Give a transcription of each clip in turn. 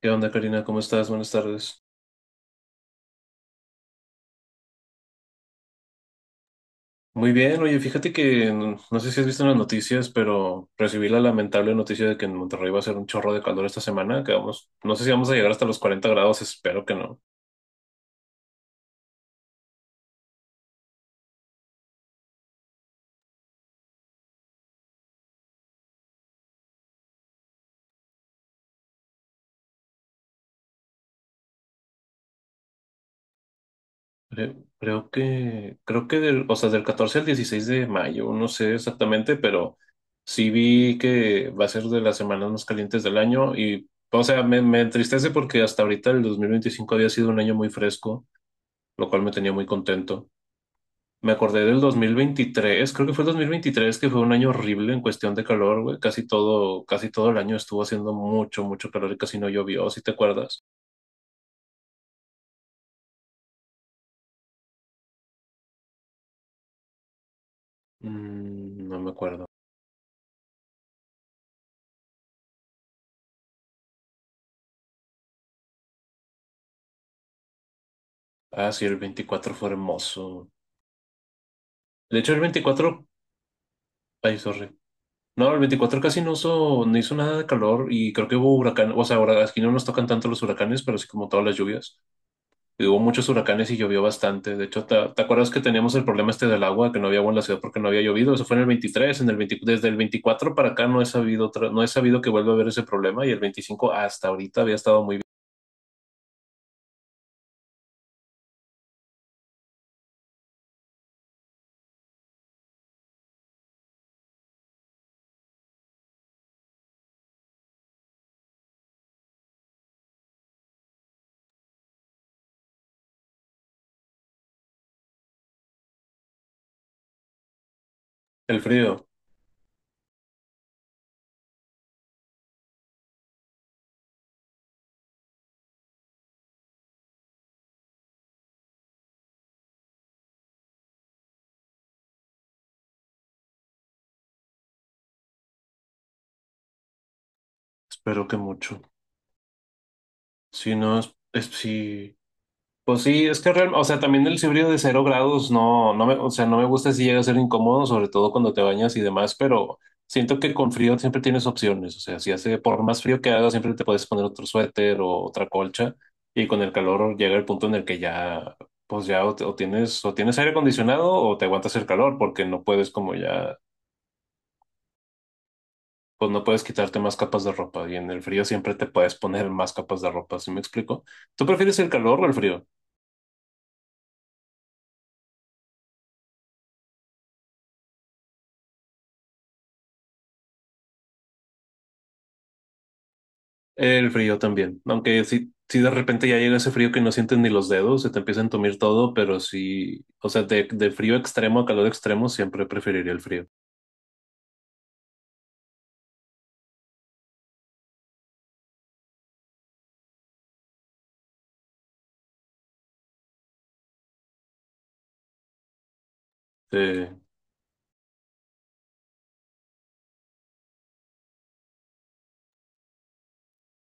¿Qué onda, Karina? ¿Cómo estás? Buenas tardes. Muy bien, oye, fíjate que no sé si has visto en las noticias, pero recibí la lamentable noticia de que en Monterrey va a ser un chorro de calor esta semana, que vamos, no sé si vamos a llegar hasta los 40 grados, espero que no. Creo que del, o sea, del 14 al 16 de mayo, no sé exactamente, pero sí vi que va a ser de las semanas más calientes del año y, o sea, me entristece porque hasta ahorita el 2025 había sido un año muy fresco, lo cual me tenía muy contento. Me acordé del 2023, creo que fue el 2023, que fue un año horrible en cuestión de calor, güey. Casi todo el año estuvo haciendo mucho, mucho calor y casi no llovió, ¿si te acuerdas? Mm, no me acuerdo. Ah, sí, el 24 fue hermoso. De hecho, el 24, ay, sorry. No, el 24 casi no hizo nada de calor y creo que hubo huracán, o sea, ahora aquí no nos tocan tanto los huracanes, pero sí como todas las lluvias. Y hubo muchos huracanes y llovió bastante. De hecho, ¿te acuerdas que teníamos el problema este del agua, que no había agua en la ciudad porque no había llovido? Eso fue en el 23, en el 20, desde el 24 para acá no he sabido, no he sabido que vuelva a haber ese problema y el 25 hasta ahorita había estado muy bien. El frío, espero que mucho. Si no, sí, pues sí, es que o sea, también el híbrido de 0 grados o sea, no me gusta si llega a ser incómodo, sobre todo cuando te bañas y demás, pero siento que con frío siempre tienes opciones. O sea, si hace, por más frío que haga, siempre te puedes poner otro suéter o otra colcha, y con el calor llega el punto en el que ya, pues ya o, o tienes aire acondicionado o te aguantas el calor, porque no puedes como ya, pues no puedes quitarte más capas de ropa, y en el frío siempre te puedes poner más capas de ropa, ¿sí me explico? ¿Tú prefieres el calor o el frío? El frío también, aunque si de repente ya llega ese frío que no sientes ni los dedos, se te empieza a entumir todo, pero sí, o sea, de frío extremo a calor extremo siempre preferiría el frío. Eh,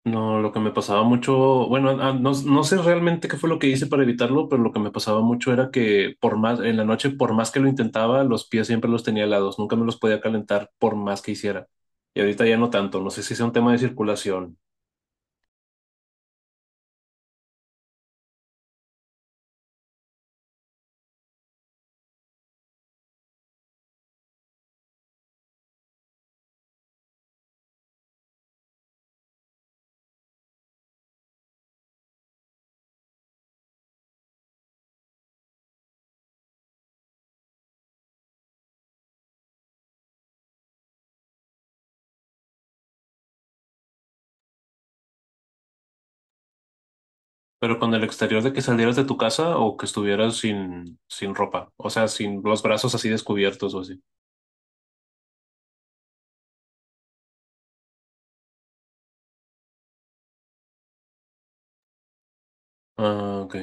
no, lo que me pasaba mucho, bueno, no sé realmente qué fue lo que hice para evitarlo, pero lo que me pasaba mucho era que por más, en la noche, por más que lo intentaba, los pies siempre los tenía helados, nunca me los podía calentar por más que hiciera. Y ahorita ya no tanto, no sé si sea un tema de circulación. Pero con el exterior de que salieras de tu casa o que estuvieras sin ropa, o sea, sin los brazos así descubiertos o así. Ah, ok.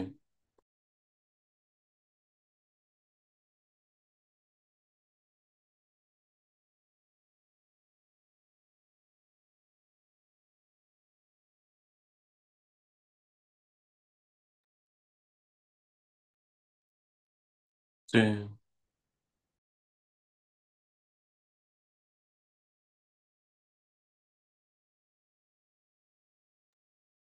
Sí.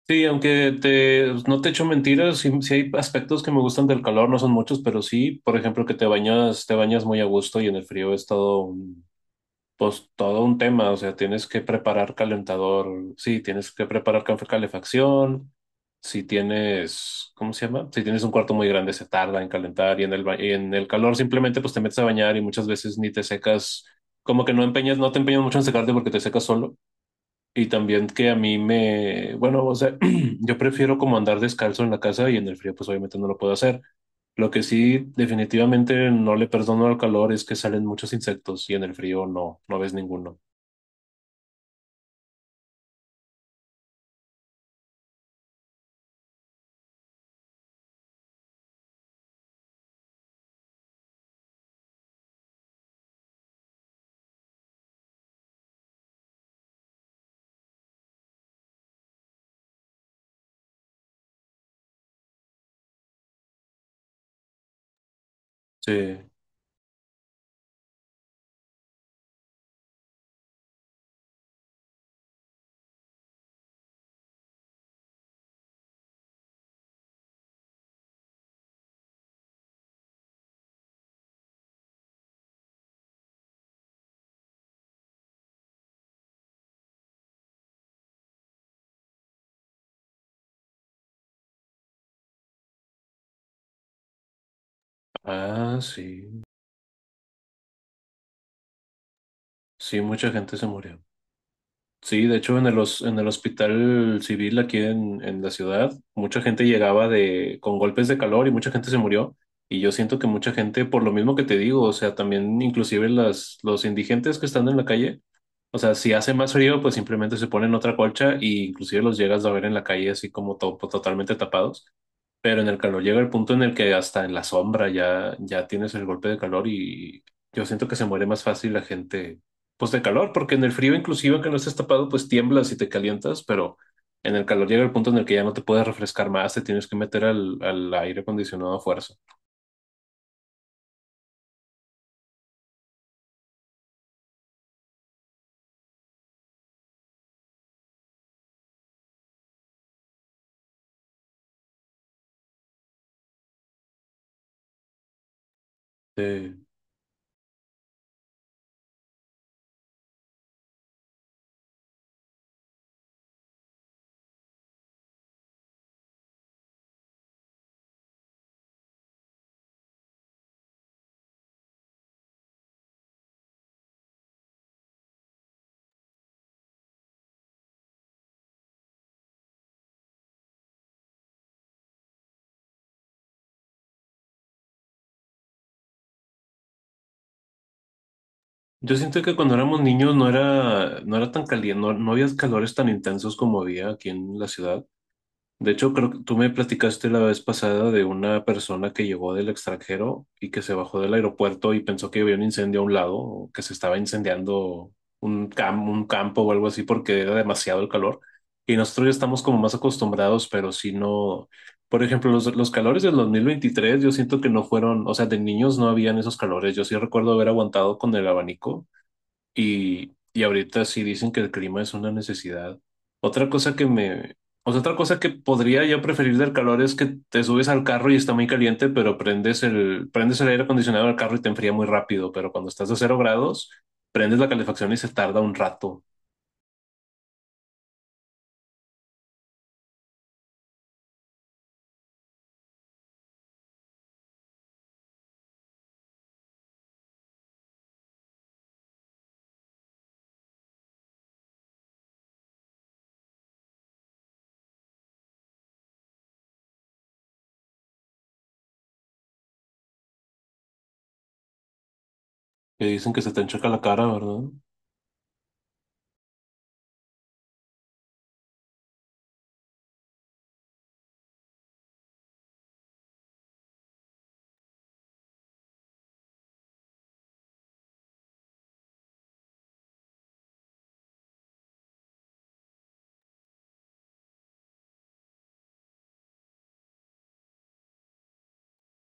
Sí, aunque no te echo mentiras, sí, sí hay aspectos que me gustan del calor, no son muchos, pero sí, por ejemplo, que te bañas muy a gusto y en el frío es todo, pues todo un tema, o sea, tienes que preparar calentador, sí, tienes que preparar calefacción, si tienes, ¿cómo se llama? Si tienes un cuarto muy grande se tarda en calentar y en el calor simplemente pues te metes a bañar y muchas veces ni te secas, como que no te empeñas mucho en secarte porque te secas solo. Y también que bueno, o sea, yo prefiero como andar descalzo en la casa y en el frío pues obviamente no lo puedo hacer. Lo que sí definitivamente no le perdono al calor es que salen muchos insectos y en el frío no ves ninguno. Sí. Ah, sí. Sí, mucha gente se murió. Sí, de hecho en el hospital civil aquí en la ciudad, mucha gente llegaba con golpes de calor y mucha gente se murió. Y yo siento que mucha gente, por lo mismo que te digo, o sea, también inclusive las, los indigentes que están en la calle. O sea, si hace más frío, pues simplemente se ponen otra colcha y inclusive los llegas a ver en la calle así como pues, totalmente tapados. Pero en el calor llega el punto en el que hasta en la sombra ya, ya tienes el golpe de calor y yo siento que se muere más fácil la gente, pues de calor, porque en el frío inclusive que no estés tapado, pues tiemblas y te calientas, pero en el calor llega el punto en el que ya no te puedes refrescar más, te tienes que meter al aire acondicionado a fuerza. Yo siento que cuando éramos niños no era tan caliente, no había calores tan intensos como había aquí en la ciudad. De hecho, creo que tú me platicaste la vez pasada de una persona que llegó del extranjero y que se bajó del aeropuerto y pensó que había un incendio a un lado, o que se estaba incendiando un campo o algo así porque era demasiado el calor. Y nosotros ya estamos como más acostumbrados, pero si no, por ejemplo, los calores del 2023 yo siento que no fueron, o sea, de niños no habían esos calores. Yo sí recuerdo haber aguantado con el abanico y ahorita sí dicen que el clima es una necesidad. Otra cosa que me, o sea, otra cosa que podría yo preferir del calor es que te subes al carro y está muy caliente, pero prendes el aire acondicionado del carro y te enfría muy rápido. Pero cuando estás a 0 grados, prendes la calefacción y se tarda un rato. Que dicen que se te enchoca la cara, ¿verdad?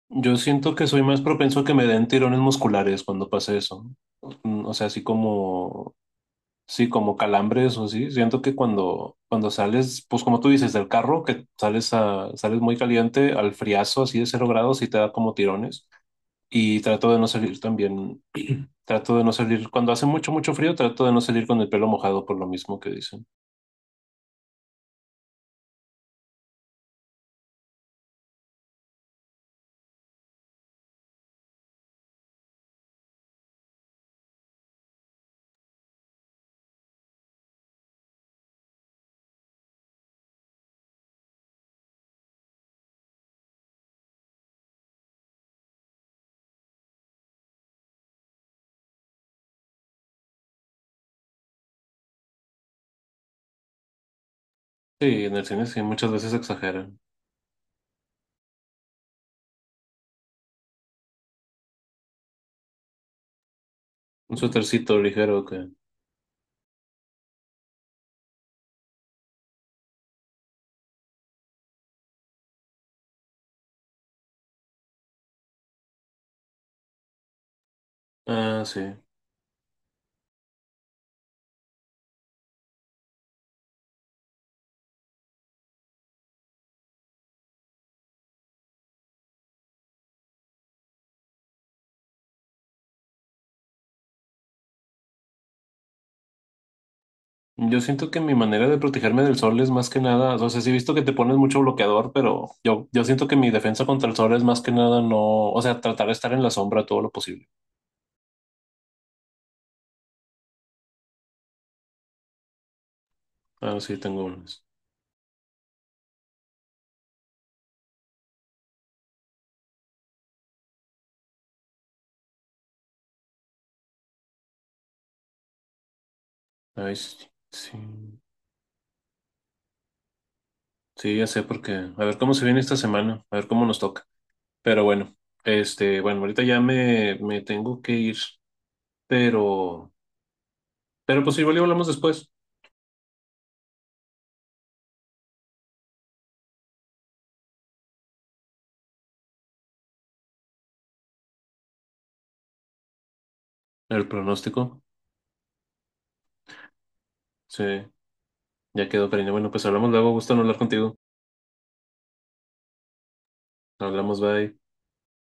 Yo siento que soy más propenso a que me den tirones musculares cuando pasa eso. Mm, o sea, así como. Sí, como calambres o así. Siento que cuando sales, pues como tú dices, del carro, que sales muy caliente al friazo, así de 0 grados, y te da como tirones. Y trato de no salir también, trato de no salir, cuando hace mucho, mucho frío, trato de no salir con el pelo mojado por lo mismo que dicen. Sí, en el cine sí, muchas veces exageran. Un suétercito ligero que. Ah, sí. Yo siento que mi manera de protegerme del sol es más que nada, o sea, sí he visto que te pones mucho bloqueador, pero yo siento que mi defensa contra el sol es más que nada, ¿no?, o sea, tratar de estar en la sombra todo lo posible. Ah, sí, tengo unas. Ay, sí, sí, sí, ya sé porque, a ver cómo se viene esta semana, a ver cómo nos toca. Pero bueno, ahorita ya me tengo que ir, pero, pero pues igual y hablamos después. El pronóstico, sí, ya quedó, cariño. Bueno, pues hablamos luego, gusto en hablar contigo. Hablamos, bye.